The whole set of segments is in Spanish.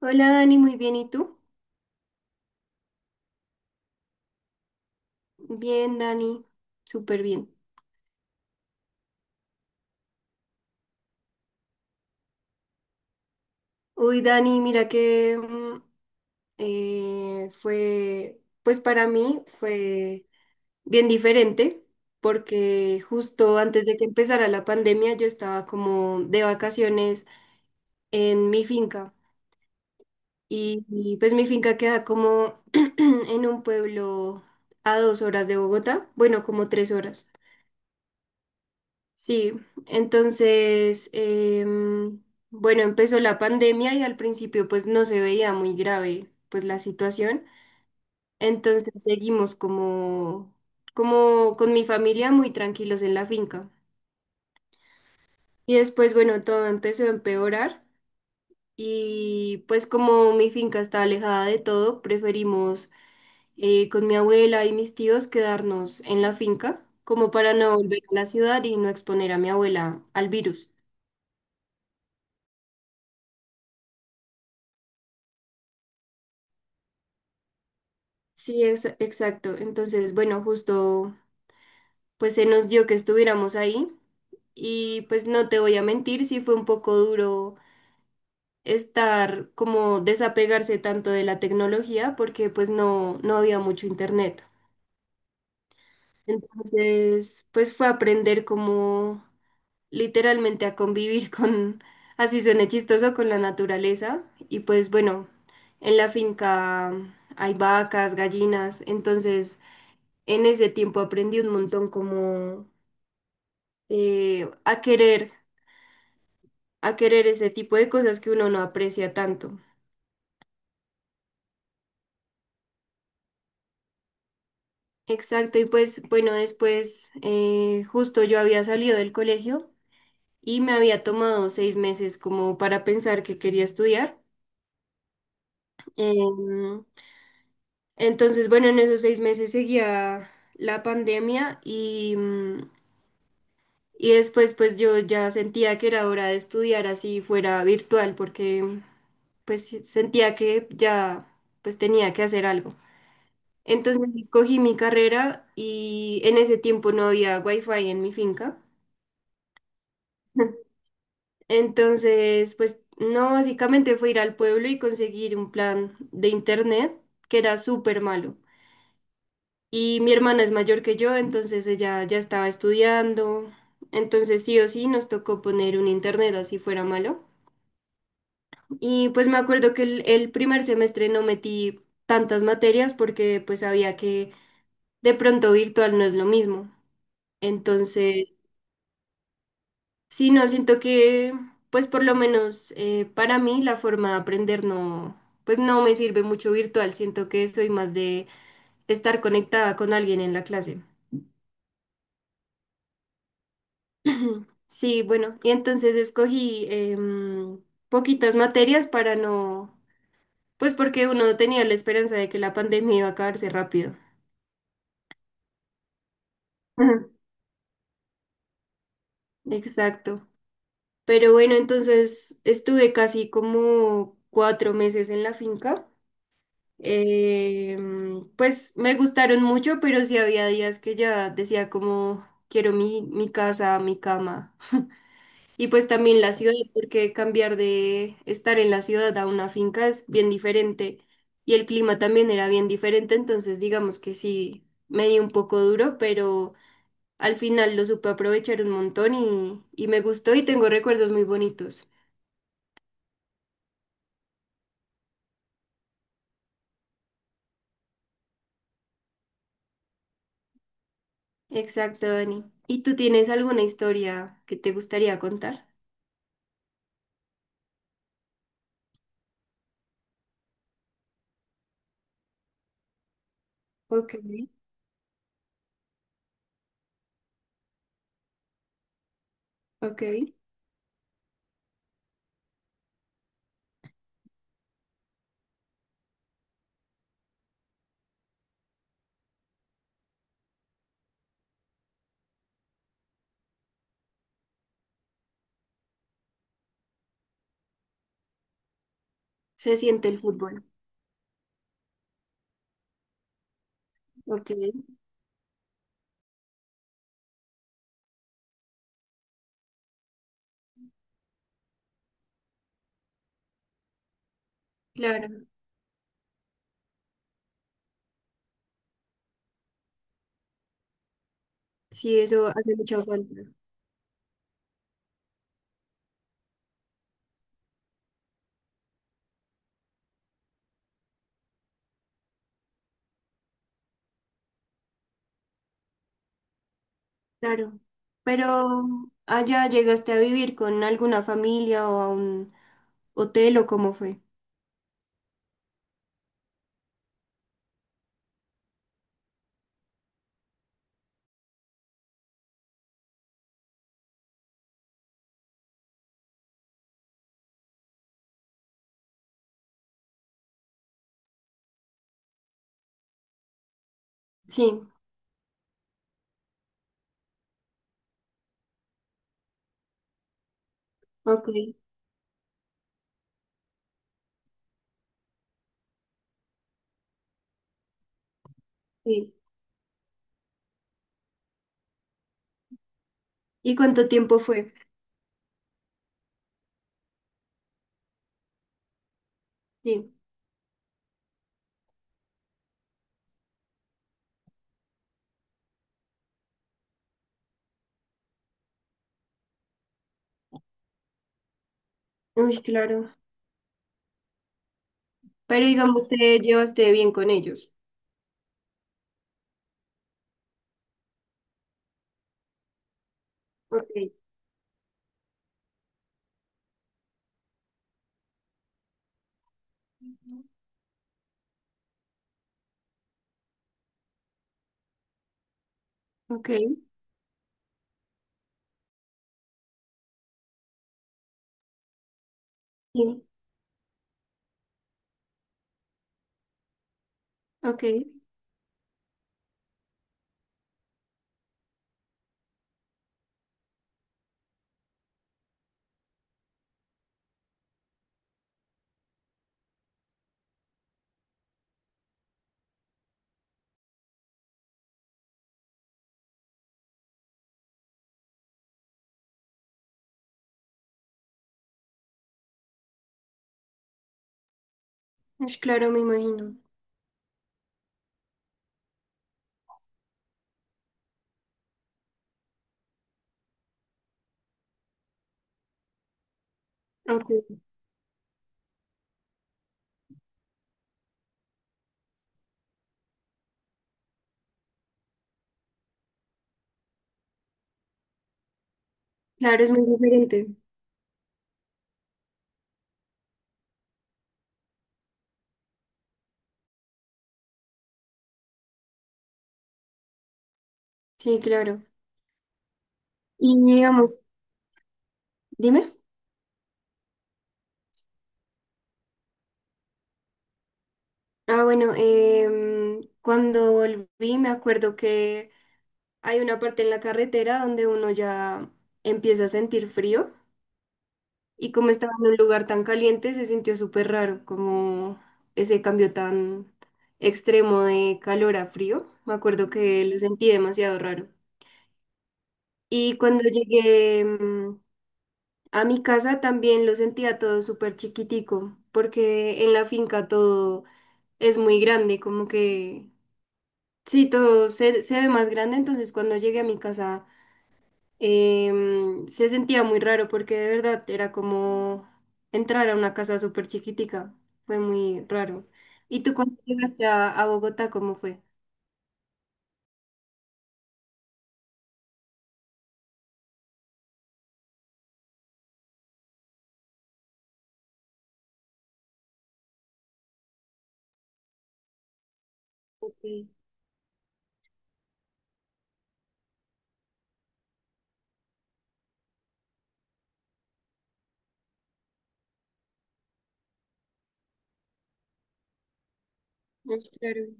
Hola Dani, muy bien, ¿y tú? Bien, Dani, súper bien. Uy, Dani, mira que pues para mí fue bien diferente, porque justo antes de que empezara la pandemia yo estaba como de vacaciones en mi finca y, pues mi finca queda como en un pueblo a 2 horas de Bogotá, bueno, como 3 horas. Sí, entonces, em, bueno, empezó la pandemia y al principio pues no se veía muy grave pues la situación. Entonces seguimos como con mi familia muy tranquilos en la finca. Y después, bueno, todo empezó a empeorar y pues como mi finca está alejada de todo, preferimos con mi abuela y mis tíos quedarnos en la finca como para no volver a la ciudad y no exponer a mi abuela al virus. Sí, exacto. Entonces, bueno, justo pues se nos dio que estuviéramos ahí y pues no te voy a mentir, sí fue un poco duro estar como desapegarse tanto de la tecnología porque pues no, no había mucho internet. Entonces, pues fue aprender como literalmente a convivir con, así suene chistoso, con la naturaleza y pues bueno, en la finca hay vacas, gallinas, entonces... En ese tiempo aprendí un montón como eh, a querer, a querer ese tipo de cosas que uno no aprecia tanto. Exacto, y pues bueno, después justo yo había salido del colegio y me había tomado 6 meses como para pensar que quería estudiar. Em, entonces, bueno, en esos 6 meses seguía la pandemia y después pues yo ya sentía que era hora de estudiar así fuera virtual porque pues sí, sentía que ya pues tenía que hacer algo. Entonces escogí mi carrera y en ese tiempo no había wifi en mi finca. Entonces, pues no, básicamente fue ir al pueblo y conseguir un plan de internet que era súper malo. Y mi hermana es mayor que yo, entonces ella ya estaba estudiando. Entonces sí o sí nos tocó poner un internet así fuera malo. Y pues me acuerdo que el primer semestre no metí tantas materias porque pues sabía que de pronto virtual no es lo mismo. Entonces, sí, no, siento que, pues por lo menos para mí la forma de aprender no, pues no me sirve mucho virtual, siento que soy más de estar conectada con alguien en la clase. Sí, bueno, y entonces escogí poquitas materias para no, pues porque uno tenía la esperanza de que la pandemia iba a acabarse rápido. Ujú. Exacto. Pero bueno, entonces estuve casi como 4 meses en la finca. Pues me gustaron mucho, pero sí había días que ya decía como quiero mi casa, mi cama. Y pues también la ciudad, porque cambiar de estar en la ciudad a una finca es bien diferente. Y el clima también era bien diferente, entonces digamos que sí, me di un poco duro, pero al final lo supe aprovechar un montón y me gustó y tengo recuerdos muy bonitos. Exacto, Dani. ¿Y tú tienes alguna historia que te gustaría contar? Ok. Ok, se siente el fútbol. Ok, claro, sí, eso hace mucha falta. Claro, pero allá llegaste a vivir con alguna familia o a un hotel o cómo fue. Sí, ok, sí. ¿Y cuánto tiempo fue? Sí, uy, claro. Pero digamos, te llevaste bien con ellos. Ok, ok, sí, ok. Ush, claro, me imagino. Ok, claro, es muy diferente. Sí, claro. Y digamos, dime. Ah, bueno, cuando volví me acuerdo que hay una parte en la carretera donde uno ya empieza a sentir frío y como estaba en un lugar tan caliente se sintió súper raro, como ese cambio tan extremo de calor a frío. Me acuerdo que lo sentí demasiado raro. Y cuando llegué a mi casa también lo sentía todo súper chiquitico, porque en la finca todo es muy grande, como que... Sí, todo se ve más grande, entonces cuando llegué a mi casa se sentía muy raro porque de verdad era como entrar a una casa súper chiquitica, fue muy raro. ¿Y tú cuando llegaste a Bogotá, cómo fue? Ok, ah, claro,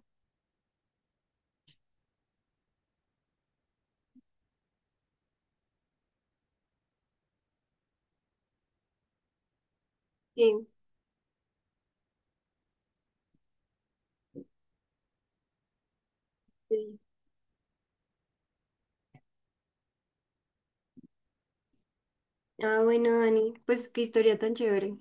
sí, sí. Ah, bueno, Dani, pues qué historia tan chévere.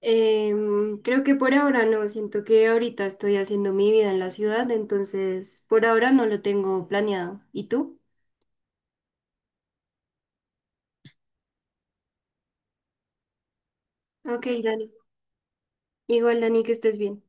Creo que por ahora no, siento que ahorita estoy haciendo mi vida en la ciudad, entonces por ahora no lo tengo planeado. ¿Y tú? Ok, Dani. Igual, Dani, que estés bien.